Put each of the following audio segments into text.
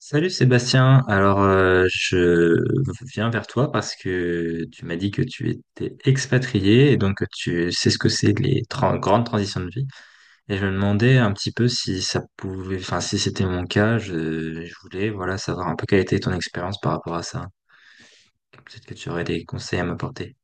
Salut Sébastien, alors je viens vers toi parce que tu m'as dit que tu étais expatrié et donc que tu sais ce que c'est les grandes transitions de vie et je me demandais un petit peu si ça pouvait, enfin si c'était mon cas, je voulais voilà savoir un peu quelle était ton expérience par rapport à ça. Peut-être que tu aurais des conseils à m'apporter.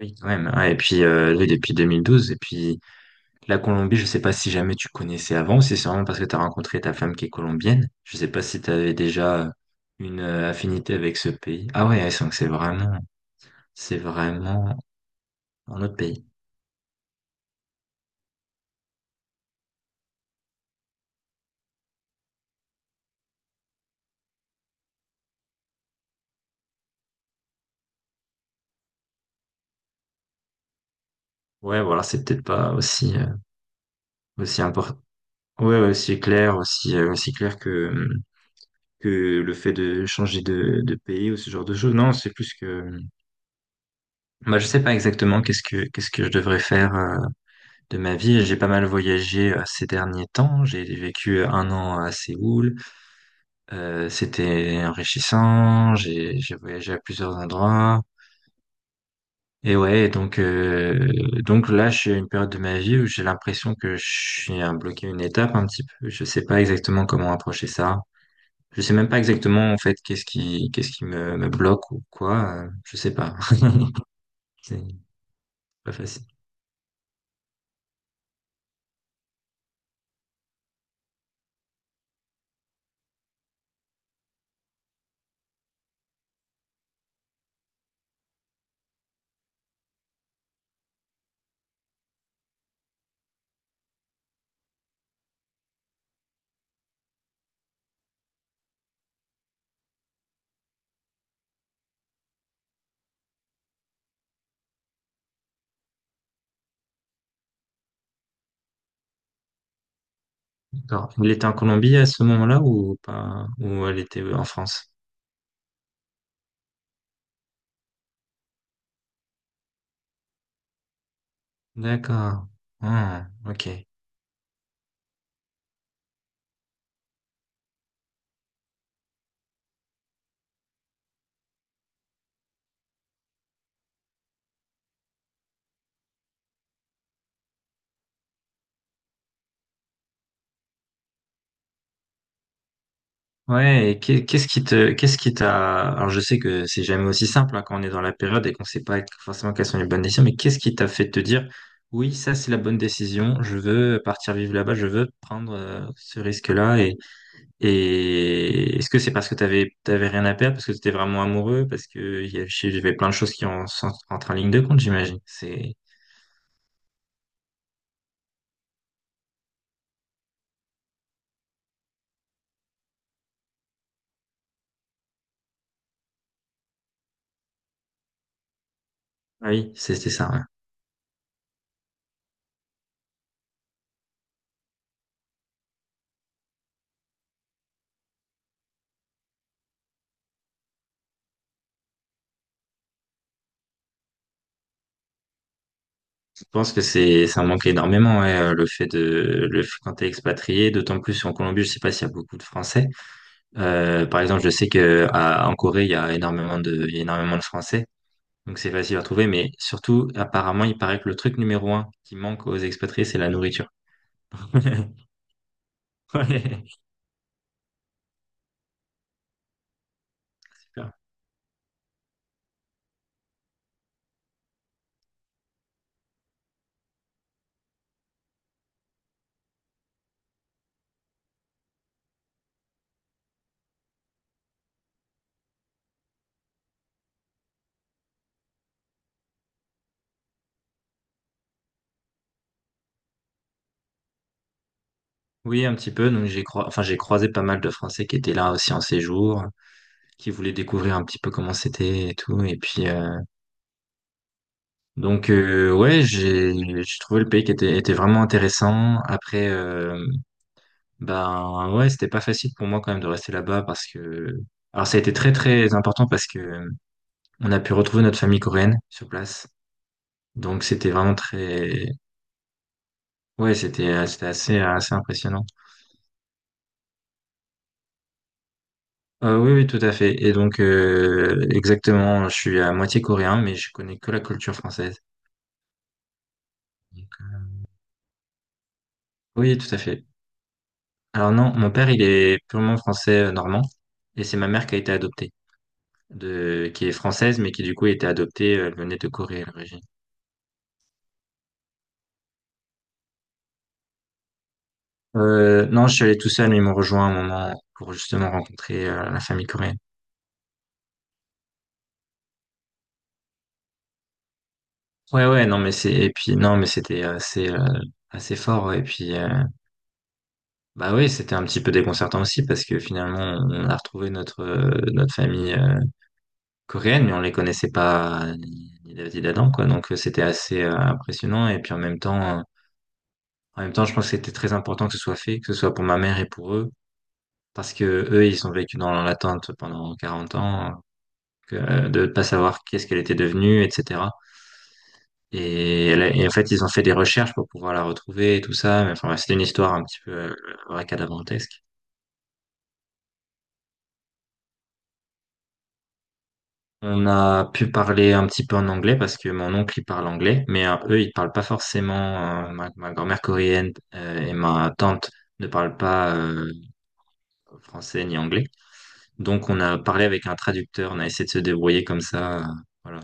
Oui, quand même. Ouais, et puis oui, depuis 2012. Et puis la Colombie, je sais pas si jamais tu connaissais avant, si c'est vraiment parce que tu as rencontré ta femme qui est colombienne. Je sais pas si tu avais déjà une affinité avec ce pays. Ah ouais, ouais, donc c'est vraiment, c'est vraiment un autre pays. Ouais, voilà, c'est peut-être pas aussi, aussi important. Ouais, ouais, aussi clair, aussi, aussi clair que le fait de changer de pays ou ce genre de choses. Non, c'est plus que, bah, je sais pas exactement qu'est-ce que je devrais faire, de ma vie. J'ai pas mal voyagé, ces derniers temps. J'ai vécu un an à Séoul. C'était enrichissant, j'ai voyagé à plusieurs endroits. Et ouais, donc là, je suis à une période de ma vie où j'ai l'impression que je suis à bloquer une étape un petit peu. Je sais pas exactement comment approcher ça. Je sais même pas exactement en fait qu'est-ce qui me bloque ou quoi. Je sais pas. C'est pas facile. D'accord. Elle était en Colombie à ce moment-là, ou pas? Ou elle était en France? D'accord. Ah, ok. Ouais, et qu'est- qu'est-ce qui te, qu'est-ce qui t'a, alors je sais que c'est jamais aussi simple, hein, quand on est dans la période et qu'on sait pas forcément quelles sont les bonnes décisions, mais qu'est-ce qui t'a fait te dire, oui, ça c'est la bonne décision, je veux partir vivre là-bas, je veux prendre ce risque-là, et est-ce que c'est parce que t'avais rien à perdre, parce que t'étais vraiment amoureux, parce que il y avait plein de choses qui entrent en ligne de compte, j'imagine. Ah oui, c'était ça. Ouais. Je pense que c'est ça manque énormément, ouais, le fait quand t'es expatrié, d'autant plus en Colombie. Je sais pas s'il y a beaucoup de Français. Par exemple, je sais que en Corée, il y a énormément de Français, donc c'est facile à trouver. Mais surtout, apparemment, il paraît que le truc numéro un qui manque aux expatriés, c'est la nourriture. Ouais. Super. Oui, un petit peu. Donc enfin, j'ai croisé pas mal de Français qui étaient là aussi en séjour, qui voulaient découvrir un petit peu comment c'était et tout. Et puis ouais, j'ai trouvé le pays qui était vraiment intéressant. Après, ben ouais, c'était pas facile pour moi quand même de rester là-bas parce que alors ça a été très très important parce que on a pu retrouver notre famille coréenne sur place. Donc c'était vraiment très ouais, c'était assez assez impressionnant. Oui, oui, tout à fait. Et donc exactement, je suis à moitié coréen mais je connais que la culture française. Donc, oui, tout à fait. Alors non, mon père, il est purement français, normand. Et c'est ma mère qui a été adoptée de qui est française mais qui du coup a été adoptée, elle venait de Corée à l'origine. Non, je suis allé tout seul, mais ils m'ont rejoint à un moment pour justement rencontrer la famille coréenne. Ouais, ouais, non, et puis, non, mais c'était assez, assez fort, ouais. Et puis, bah oui, c'était un petit peu déconcertant aussi parce que finalement, on a retrouvé notre famille coréenne, mais on les connaissait pas ni David ni d'Adam, quoi. Donc, c'était assez impressionnant. Et puis, en même temps, je pense que c'était très important que ce soit fait, que ce soit pour ma mère et pour eux. Parce que eux, ils ont vécu dans l'attente pendant 40 ans, de pas savoir qu'est-ce qu'elle était devenue, etc. Et en fait, ils ont fait des recherches pour pouvoir la retrouver et tout ça. Mais enfin, ouais, c'était une histoire un petit peu racadabrantesque. On a pu parler un petit peu en anglais parce que mon oncle, il parle anglais, mais eux, ils parlent pas forcément. Ma grand-mère coréenne et ma tante ne parlent pas français ni anglais. Donc, on a parlé avec un traducteur, on a essayé de se débrouiller comme ça. Voilà.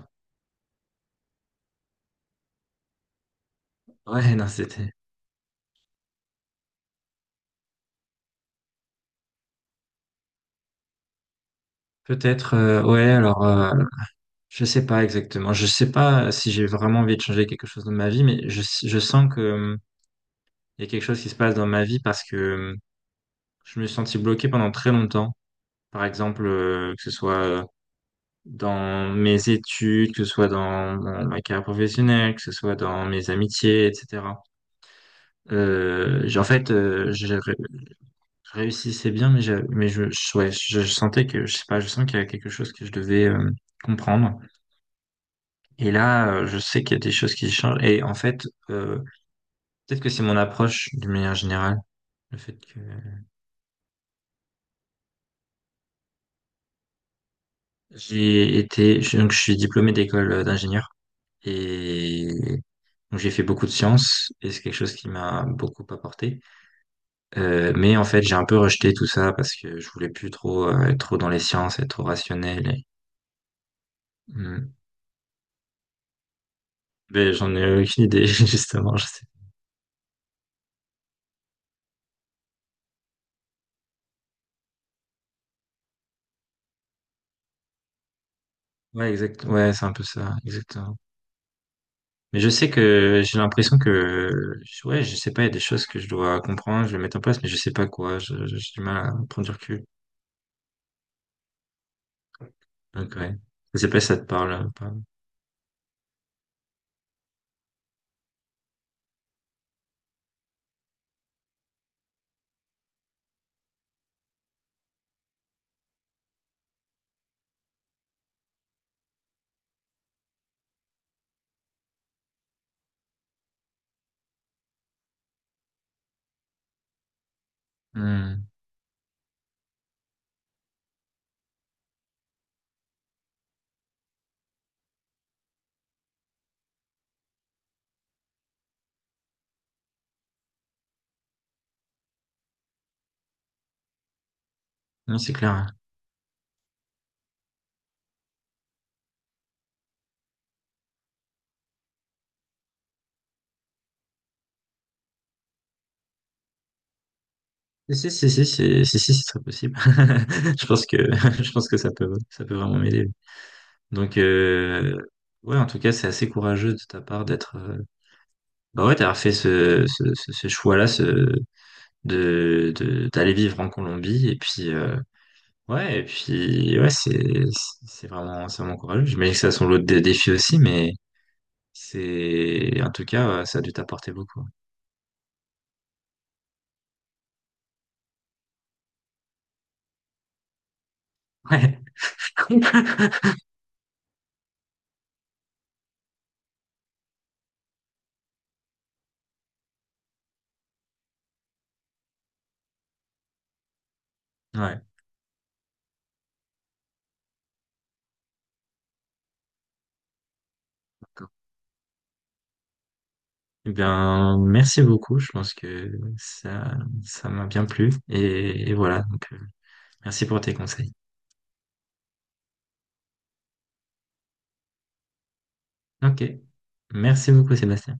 Ouais, non, c'était peut-être. Ouais, alors. Je sais pas exactement. Je sais pas si j'ai vraiment envie de changer quelque chose dans ma vie, mais je sens que, il y a quelque chose qui se passe dans ma vie parce que je me suis senti bloqué pendant très longtemps. Par exemple, que ce soit dans mes études, que ce soit dans ma carrière professionnelle, que ce soit dans mes amitiés, etc. En fait, je réussissais bien, mais ouais, je sentais que, je sais pas, je sens qu'il y a quelque chose que je devais comprendre. Et là, je sais qu'il y a des choses qui changent. Et en fait, peut-être que c'est mon approche d'une manière générale, le fait que donc je suis diplômé d'école d'ingénieur. Et donc j'ai fait beaucoup de sciences et c'est quelque chose qui m'a beaucoup apporté. Mais en fait, j'ai un peu rejeté tout ça parce que je voulais plus trop être trop dans les sciences, être trop rationnel. Et... Hmm. Mais j'en ai aucune idée justement. Je sais. Ouais, exact. Ouais, c'est un peu ça, exactement. Mais je sais que j'ai l'impression que ouais, je sais pas, il y a des choses que je dois comprendre, je vais mettre en place, mais je sais pas quoi. J'ai du mal à prendre du recul. Ok. Ouais. Je sais pas si ça te parle, ou pas. Hmm. Non, c'est clair. Si, si, si, si, si, si, si, c'est très possible. Je pense que, je pense que ça peut vraiment m'aider. Donc, ouais, en tout cas, c'est assez courageux de ta part d'être, bah ouais, d'avoir fait ce choix-là, d'aller vivre en Colombie. Et puis, ouais, et puis, ouais, c'est vraiment courageux. J'imagine que ça a son lot de défis aussi, mais en tout cas, ouais, ça a dû t'apporter beaucoup. Ouais. Ouais. Eh bien, merci beaucoup. Je pense que ça m'a bien plu. Et voilà. Donc, merci pour tes conseils. Ok. Merci beaucoup, Sébastien.